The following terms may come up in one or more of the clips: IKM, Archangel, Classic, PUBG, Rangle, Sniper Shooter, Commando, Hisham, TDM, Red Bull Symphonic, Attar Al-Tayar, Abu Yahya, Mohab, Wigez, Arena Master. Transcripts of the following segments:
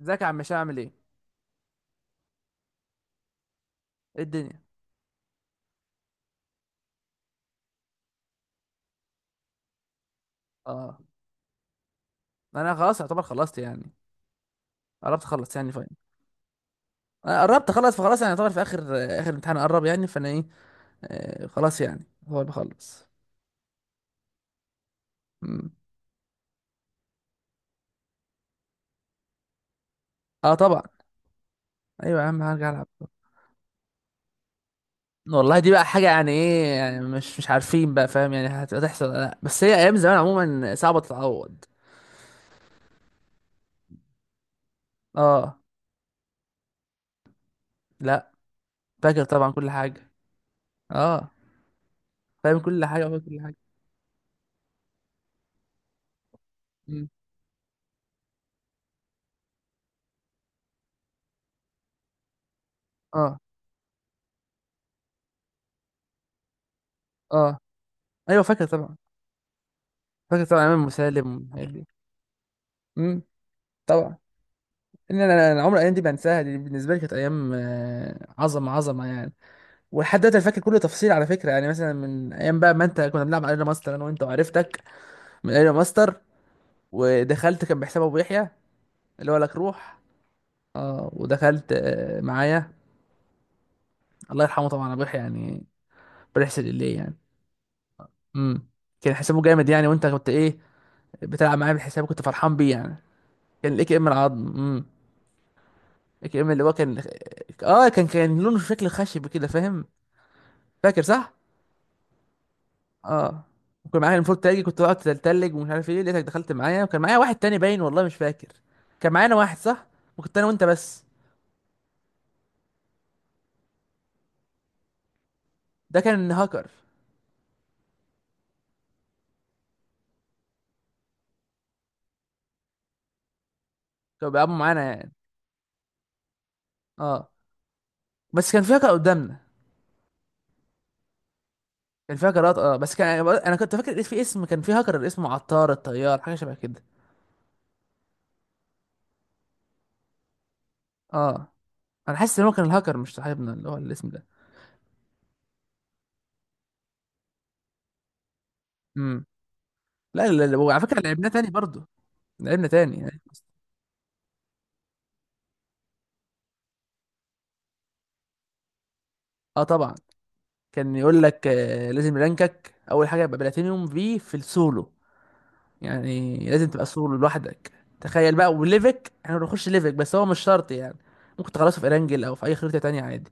ازيك يا عم هشام عامل ايه؟ ايه الدنيا؟ اه، انا خلاص يعتبر خلصت يعني قربت اخلص يعني فاين. انا قربت اخلص فخلاص يعني يعتبر في اخر امتحان قرب يعني فانا ايه. خلاص يعني هو اللي بخلص. مم. اه طبعا. ايوه يا عم هرجع العب. والله دي بقى حاجه يعني ايه، يعني مش عارفين بقى فاهم يعني هتحصل ولا لا، بس هي ايام زمان عموما صعبه تتعوض. اه. لا، فاكر طبعا كل حاجه. اه فاهم كل حاجه فاكر كل حاجه. مم. اه، اه، ايوه فاكر طبعا. فاكر طبعا امام مسالم والحاجات دي. مم. طبعا. ان انا انا عمر الايام دي بنساها، دي بالنسبه لي كانت ايام عظمه عظمه يعني. ولحد دلوقتي أنا فاكر كل تفصيل على فكره، يعني مثلا من ايام بقى ما انت كنا بنلعب ارينا ماستر انا وانت، وعرفتك من ارينا ماستر ودخلت كان بحساب ابو يحيى اللي هو لك روح. اه ودخلت معايا. الله يرحمه طبعا ابو يحيى يعني، ربنا يحسن اليه يعني. امم. كان حسابه جامد يعني، وانت كنت ايه بتلعب معايا بالحساب كنت فرحان بيه يعني. كان الاي كي ام العظم. امم. الاي كي ام اللي هو كان، اه كان لونه شكل خشب كده فاهم. فاكر صح. اه. وكان معايا المفروض تلجي، كنت بقعد اتلج ومش عارف ايه، لقيتك دخلت معايا، وكان معايا واحد تاني باين والله مش فاكر. كان معانا واحد صح، وكنت انا وانت بس. ده كان هاكر. كانوا بيلعبوا معانا يعني. اه بس كان في هاكر قدامنا. كان في هاكرات، بس كان انا كنت فاكر في اسم، كان في هاكر اسمه عطار الطيار حاجه شبه كده. اه. انا حاسس ان هو كان الهاكر مش صاحبنا اللي هو الاسم ده. امم. لا، لا، لا، وعلى فكره لعبناه تاني برضه. لعبنا تاني يعني. اه طبعا. كان يقول لك لازم رانكك اول حاجه يبقى بلاتينيوم في السولو. يعني لازم تبقى سولو لوحدك. تخيل بقى وليفك، احنا بنخش ليفك بس هو مش شرط يعني، ممكن تخلصه في ارانجل او في اي خريطه تانية عادي.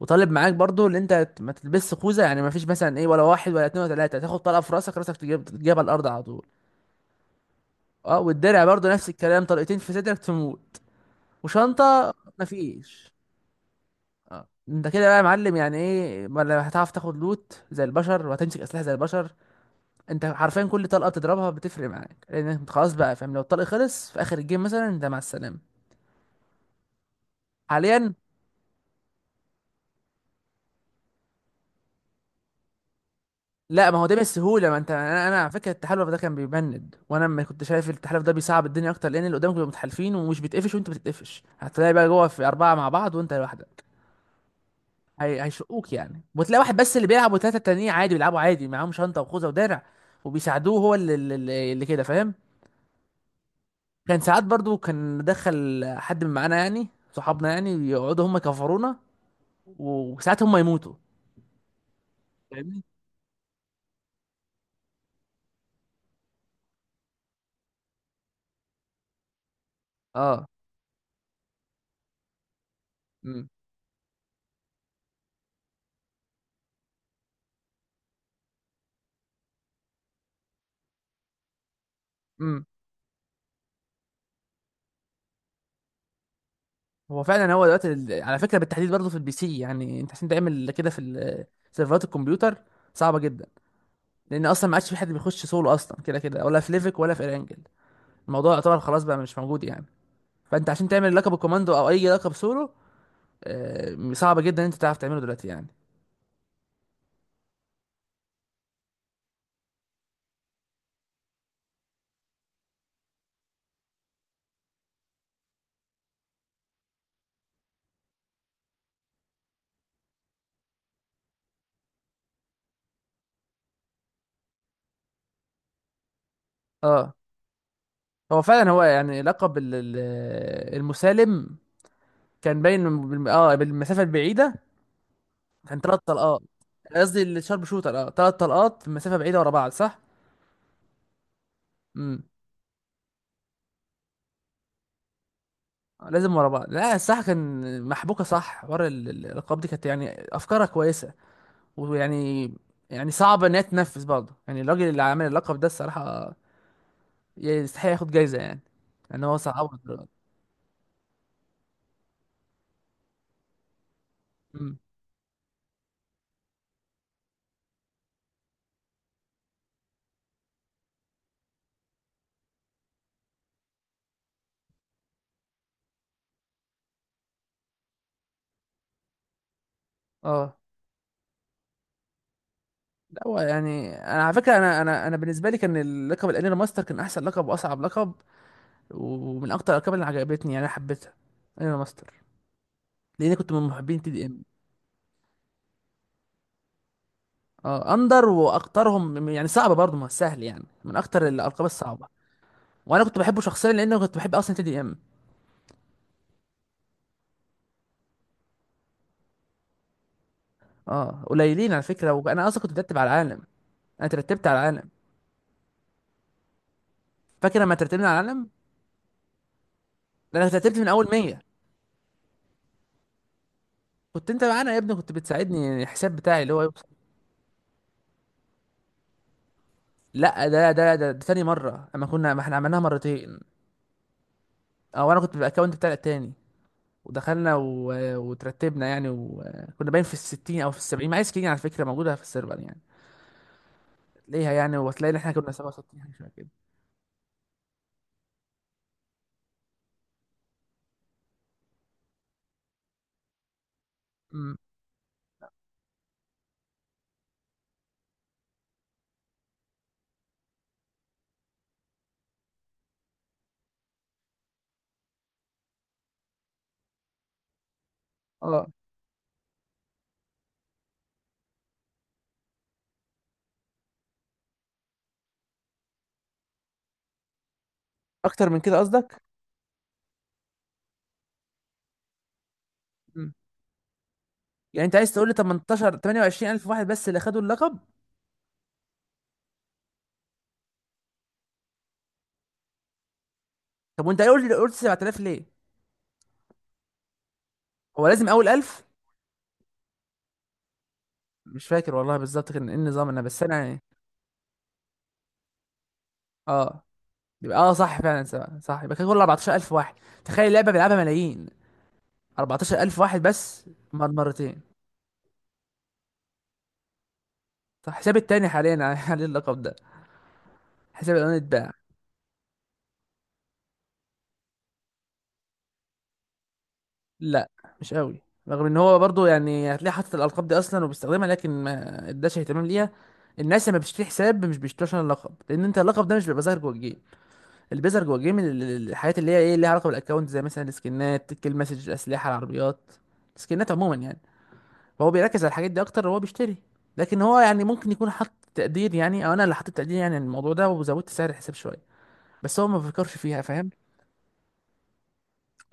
وطالب معاك برضو اللي انت ما تلبسش خوذه. يعني ما فيش مثلا ايه، ولا واحد ولا اتنين ولا تلاته تاخد طلقه في راسك تجيب على الارض على طول. اه والدرع برضو نفس الكلام، طلقتين في صدرك تموت. وشنطه ما فيش. اه انت كده بقى يا معلم، يعني ايه، ولا هتعرف تاخد لوت زي البشر وهتمسك اسلحه زي البشر. انت حرفيا كل طلقه بتضربها بتفرق معاك، لان انت خلاص بقى فاهم، لو الطلق خلص في اخر الجيم مثلا انت مع السلامه. حاليا. لا، ما هو ده بالسهوله، ما انت انا على فكره التحالف ده كان بيبند، وانا ما كنت شايف، التحالف ده بيصعب الدنيا اكتر، لان اللي قدامك بيبقوا متحالفين ومش بيتقفش، وانت بتتقفش، هتلاقي بقى جوه في اربعه مع بعض وانت لوحدك. هيشقوك يعني، وتلاقي واحد بس اللي بيلعب وثلاثه التانيين عادي بيلعبوا عادي، معاهم شنطه وخوذه ودرع وبيساعدوه. هو اللي كده فاهم. كان ساعات برضو كان دخل حد من معانا يعني صحابنا، يعني يقعدوا هم يكفرونا وساعات هم يموتوا. فاهمني. اه. امم. امم. هو فعلا هو دلوقتي على فكره بالتحديد برضه في البي سي، يعني انت عشان تعمل كده في سيرفرات الكمبيوتر صعبه جدا، لان اصلا ما عادش في حد بيخش سولو اصلا كده كده، ولا في ليفك ولا في رانجل. الموضوع يعتبر خلاص بقى مش موجود يعني. فانت عشان تعمل لقب الكوماندو او اي لقب سولو، صعب جدا ان انت تعرف تعمله دلوقتي يعني. اه هو فعلا هو يعني لقب المسالم كان باين بالمسافه البعيده، كان ثلاث طلقات. قصدي الشارب شوتر، ثلاث طلقات مسافه بعيده ورا بعض صح. امم. لازم ورا بعض، لا الصح كان محبوكه، صح. ورا الالقاب دي كانت يعني افكارها كويسه. ويعني، يعني صعبه ان هي تنفذ برضه، يعني الراجل اللي عامل اللقب ده الصراحه يستحق ياخد جايزه يعني، لان هو صعب. امم. اه لا هو يعني انا على فكره انا بالنسبه لي كان اللقب الانيرا ماستر كان احسن لقب واصعب لقب، ومن اكتر الالقاب اللي عجبتني يعني انا حبيتها. انيرا ماستر. لاني كنت من محبين تي دي ام. اه اندر واكترهم يعني صعبه برضه، ما سهل يعني، من اكتر الالقاب الصعبه. وانا كنت بحبه شخصيا لان كنت بحب اصلا تي دي ام. اه قليلين على فكره، وانا اصلا كنت بترتب على العالم. انا ترتبت على العالم. فاكر لما ترتبنا على العالم؟ ده انا ترتبت من اول 100. كنت انت معانا يا ابني، كنت بتساعدني يعني الحساب بتاعي اللي هو يوصل. لا، ده تاني مره، اما كنا، ما احنا عملناها مرتين. اه وانا كنت بالاكونت بتاعي التاني، ودخلنا وترتبنا يعني، وكنا باين في الستين او في السبعين، معايا سكرين على فكره موجوده في السيرفر يعني ليها يعني، وتلاقي ان احنا كنا 67 حاجه شبه كده. امم. اه اكتر من كده قصدك. امم. يعني انت عايز تقول لي 18 28 الف واحد بس اللي خدوا اللقب؟ طب وانت قلت لي قلت 7000 ليه؟ هو لازم اول 1000؟ مش فاكر والله بالظبط كان ايه النظام، انا بس انا يعني. اه يبقى صح فعلا سبعة. صح يبقى كده كل 14000 واحد. تخيل لعبه بيلعبها ملايين، 14000 واحد بس مر مرتين. صح حساب التاني حاليا على اللقب ده، حساب الأولاني اتباع. لا مش قوي، رغم ان هو برضو يعني هتلاقيه حاطط الالقاب دي اصلا وبيستخدمها، لكن ما اداش اهتمام ليها. الناس لما بتشتري حساب مش بيشتروش عشان اللقب، لان انت اللقب ده مش بيبقى ظاهر جوه الجيم. اللي بيظهر جوه الجيم الحاجات اللي هي ايه ليها علاقه بالاكونت، زي مثلا السكنات، الكيل مسج، الاسلحه، العربيات، السكنات عموما يعني. فهو بيركز على الحاجات دي اكتر وهو بيشتري، لكن هو يعني ممكن يكون حاطط تقدير يعني، او انا اللي حطيت تقدير يعني عن الموضوع ده وزودت سعر الحساب شويه، بس هو ما بيفكرش فيها فاهم.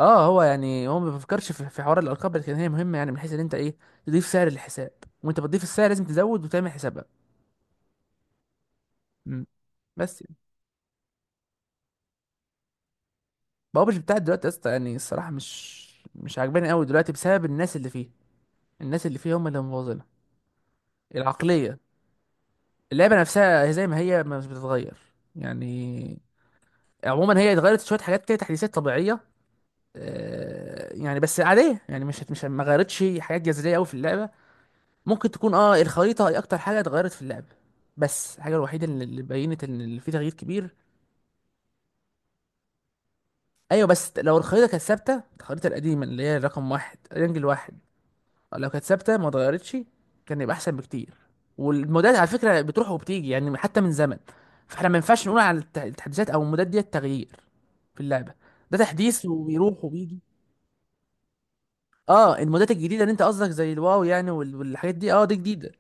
اه هو يعني هو ما بيفكرش في في حوار الارقام، لكن هي مهمه، يعني من حيث ان انت ايه تضيف سعر للحساب، وانت بتضيف السعر لازم تزود وتعمل حسابها. مم. بس يعني بابجي بتاعت دلوقتي يا اسطى يعني الصراحه مش عاجباني قوي دلوقتي بسبب الناس اللي فيه، الناس اللي فيه هم اللي مبوظينها. العقليه. اللعبه نفسها هي زي ما هي، ما مش بتتغير يعني. عموما هي اتغيرت شويه حاجات كده، تحديثات طبيعيه، يعني بس عاديه، يعني مش مش ما غيرتش حاجات جذريه قوي في اللعبه. ممكن تكون الخريطة هي أكتر حاجة اتغيرت في اللعبة. بس الحاجة الوحيدة اللي بينت إن اللي في تغيير كبير. أيوة بس لو الخريطة كانت ثابتة، الخريطة القديمة اللي هي رقم واحد رينجل واحد، لو كانت ثابتة ما اتغيرتش كان يبقى أحسن بكتير. والمودات على فكرة بتروح وبتيجي يعني حتى من زمن، فاحنا ما ينفعش نقول على التحديثات أو المودات دي تغيير في اللعبة. ده تحديث وبيروح وبيجي. اه المودات الجديدة اللي انت قصدك زي الواو يعني والحاجات دي دي جديدة.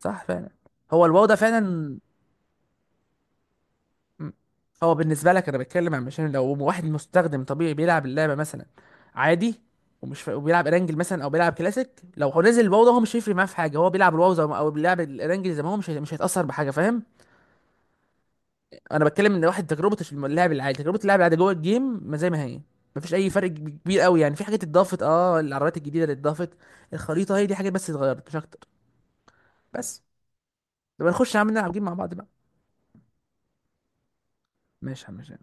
صح فعلا، هو الواو ده فعلا. مم. هو بالنسبه لك انا بتكلم، عن مشان لو واحد مستخدم طبيعي بيلعب اللعبه مثلا عادي، وبيلعب ارانجل مثلا او بيلعب كلاسيك، لو هو نزل الواو ده هو مش هيفرق معاه في حاجه، هو بيلعب الواو زي ما... او بيلعب الارانجل زي ما هو، مش مش هيتاثر بحاجه فاهم. انا بتكلم ان واحد تجربه اللاعب العادي جوه الجيم ما زي ما هي. مفيش اي فرق كبير قوي يعني، في حاجات اتضافت، العربيات الجديده اللي اتضافت، الخريطه، هي دي حاجات بس اتغيرت مش اكتر. بس. طب نخش يا عم نلعب جيم مع بعض بقى. ماشي يا عم ماشي.